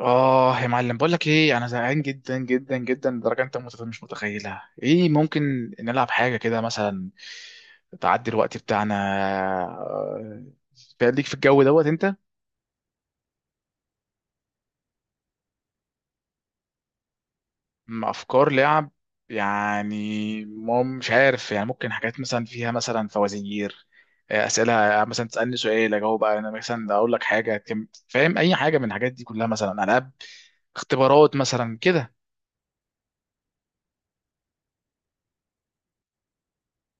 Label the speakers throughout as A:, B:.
A: اه، يا معلم، بقول لك ايه، انا زهقان جدا جدا جدا لدرجه انت مش متخيلها. ايه ممكن نلعب حاجه كده؟ مثلا تعدي الوقت بتاعنا. آه، ليك في الجو دوت. انت مع افكار لعب؟ مش عارف. يعني ممكن حاجات، مثلا فيها مثلا فوازير، اسئله، مثلا تسالني سؤال اجاوب انا، مثلا اقول لك حاجه فاهم؟ اي حاجه من الحاجات دي كلها، مثلا العاب، اختبارات مثلا كده.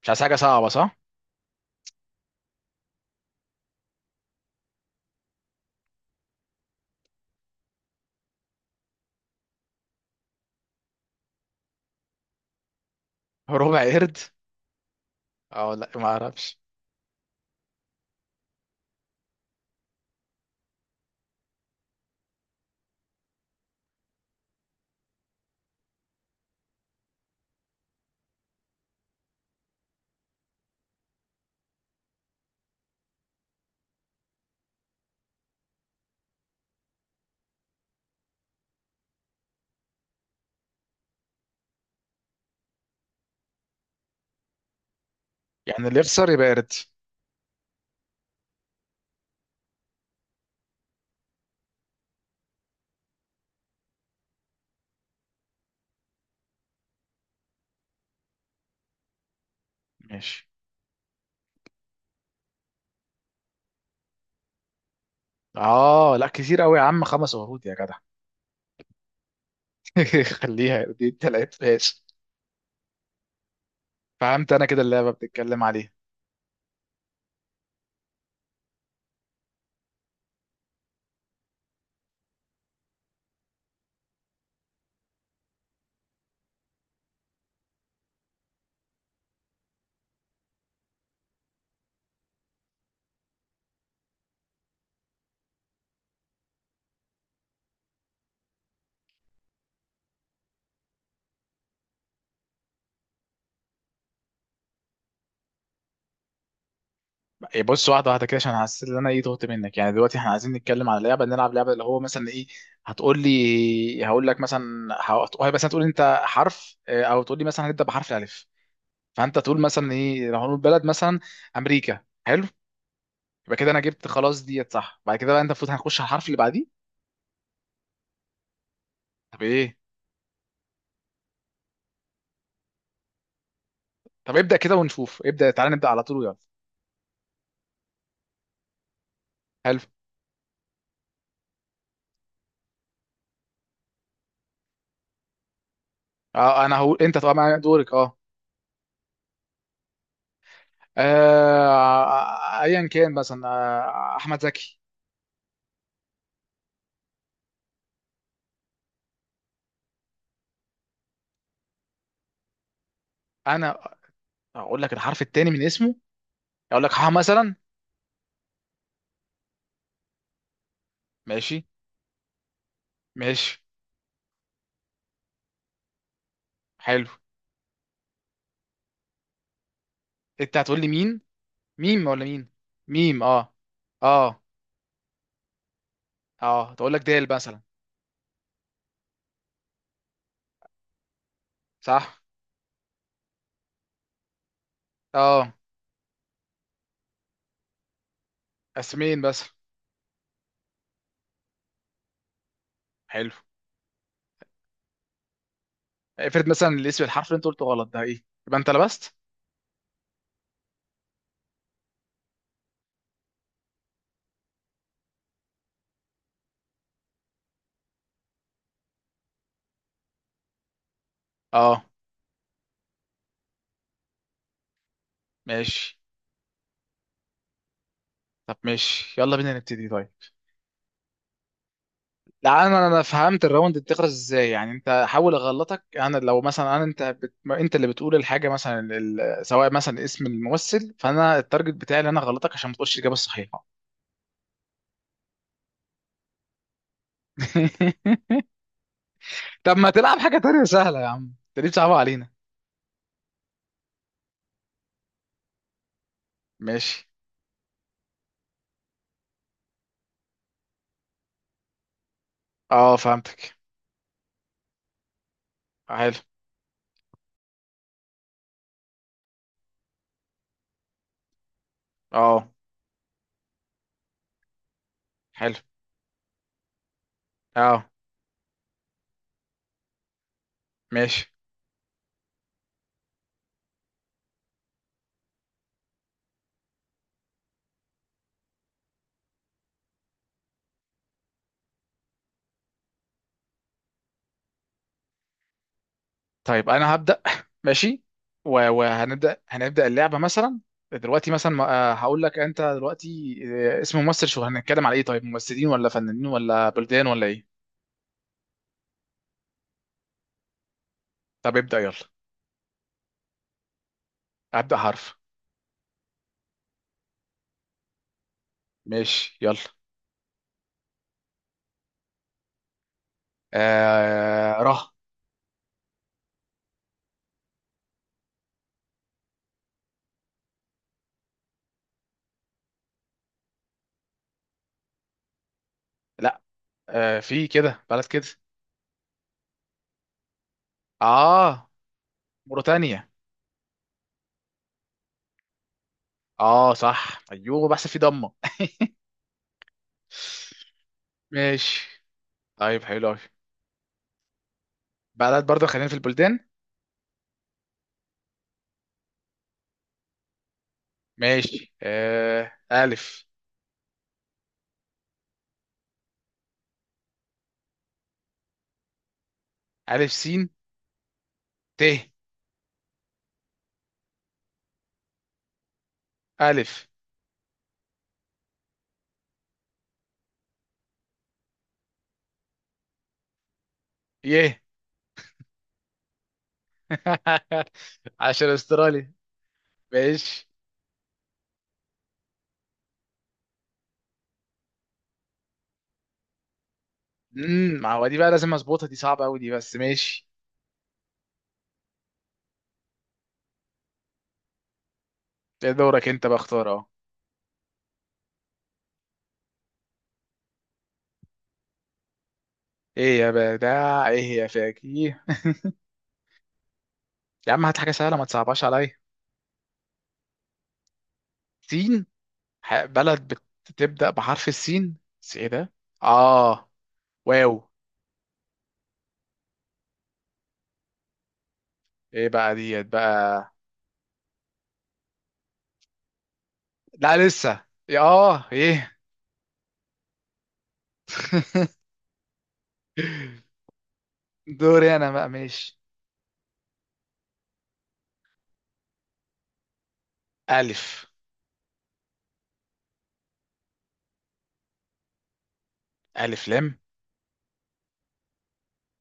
A: مش عايز حاجه صعبه، صح؟ ربع قرد. اه لا، ما اعرفش. يعني اللي يخسر يبقى يرد؟ ماشي. اه لا، كتير قوي يا عم، خمس ورود يا جدع. خليها دي التلاتة، ماشي. فهمت انا كده اللعبه بتتكلم عليه. إيه، بص واحده واحده كده، عشان حاسس ان انا ايه تهت منك. يعني دلوقتي احنا عايزين نتكلم على لعبه، نلعب لعبه اللي هو مثلا ايه. هتقول لي هقول لك مثلا. هتقول مثلا، تقول انت حرف، او تقول لي مثلا هنبدا بحرف الالف. فانت تقول مثلا ايه، لو هنقول بلد مثلا امريكا. حلو. يبقى كده انا جبت خلاص ديت، صح؟ بعد كده بقى انت المفروض هنخش على الحرف اللي بعديه. طب ايه؟ طب ابدأ كده ونشوف، ابدأ، تعال نبدأ على طول، يلا. حلو. آه انا هقول انت طبعا دورك، اه. ايا كان، مثلا احمد زكي. انا اقول لك الحرف الثاني من اسمه، اقول لك ح مثلا. ماشي، ماشي. حلو. انت هتقول لي مين؟ ميم ولا مين؟ ميم، اه. اه. اه، تقول لك دال مثلا. صح. اه، اسمين بس. حلو. افرض مثلا الاسم الحرف اللي انت قلته غلط، ده ايه؟ يبقى انت لبست. اه، ماشي. طب ماشي، يلا بينا نبتدي، طيب. لا انا فهمت الراوند بتخلص ازاي. يعني انت حاول اغلطك انا. لو مثلا انا انت اللي بتقول الحاجه مثلا، سواء مثلا اسم الممثل، فانا التارجت بتاعي اللي انا اغلطك، عشان ما تقولش الاجابه الصحيحه. طب ما تلعب حاجه تانية سهله يا عم، انت ليه بتصعبها علينا؟ ماشي، اه فهمتك. حلو. اه، حلو، اه، ماشي. طيب انا هبدا. ماشي. وهنبدا اللعبه مثلا. دلوقتي مثلا، هقول لك انت دلوقتي اسم ممثل. شو هنتكلم على ايه؟ طيب ممثلين ولا فنانين ولا بلدان ولا ايه؟ طب ابدا يلا. ابدا حرف. ماشي يلا. آه ره. لا. آه، في كده بلد كده. اه، موريتانيا. اه صح، ايوه، بحسب في ضمه. ماشي. طيب حلو قوي، بلد برضه، خلينا في البلدان. ماشي، آه الف. الف سين ت. ألف يه. عشان أسترالي. ماشي. ما هو دي بقى لازم أظبطها، دي صعبة أوي دي، بس ماشي. ده دورك أنت بقى، اختار أهو. إيه يا بدع، إيه يا فاكيه. يا عم هات حاجة سهلة، ما تصعبهاش عليا. سين. بلد بتبدأ بحرف السين، بس إيه ده؟ آه، واو. إيه بقى ديت بقى. لا لسه يا إيه. دوري أنا بقى، ماشي. ألف. ألف لام.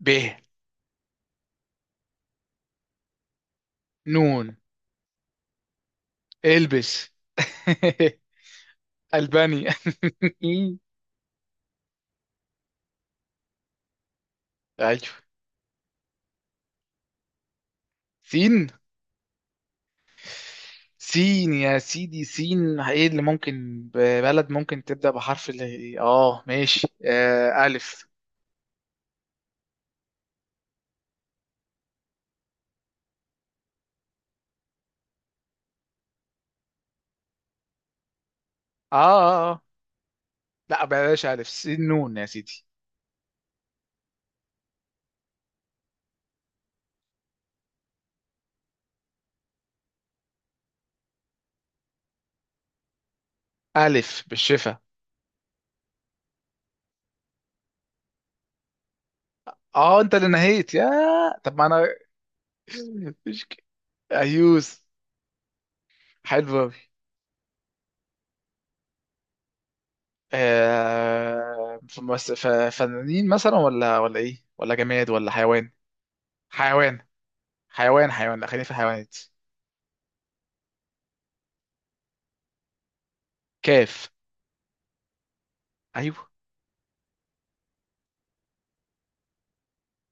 A: ب. نون. البس. الباني. ايوه. سين. سين يا سيدي. سين ايه اللي ممكن، بلد ممكن تبدأ بحرف اللي اه. ماشي، آه ألف. اه, آه, آه. لا بلاش، ألف سين نون يا سيدي. ألف بالشفا. اه انت اللي نهيت يا. طب ما انا. مش ك- ايوس. حلو أوي. فنانين مثلا، ولا ايه، ولا جماد، ولا حيوان؟ حيوان. حيوان، حيوان، لا خلينا في الحيوانات. كاف. ايوه.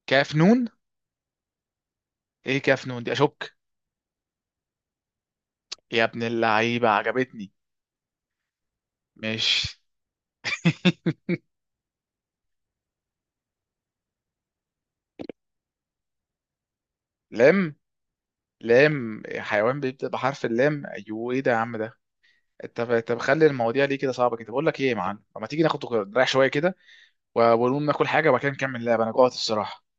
A: كاف نون. ايه كاف نون دي؟ اشك. يا ابن اللعيبه، عجبتني. ماشي. لم. لم؟ حيوان بيبدأ بحرف اللام؟ ايوه، ايه ده يا عم ده؟ طب خلي المواضيع ليه كده صعبه كده؟ بقول لك ايه يا معلم، طب ما تيجي ناخد نريح شويه كده، ونقوم ناكل حاجه، وبعد كده نكمل اللعبه. انا جوعت الصراحه.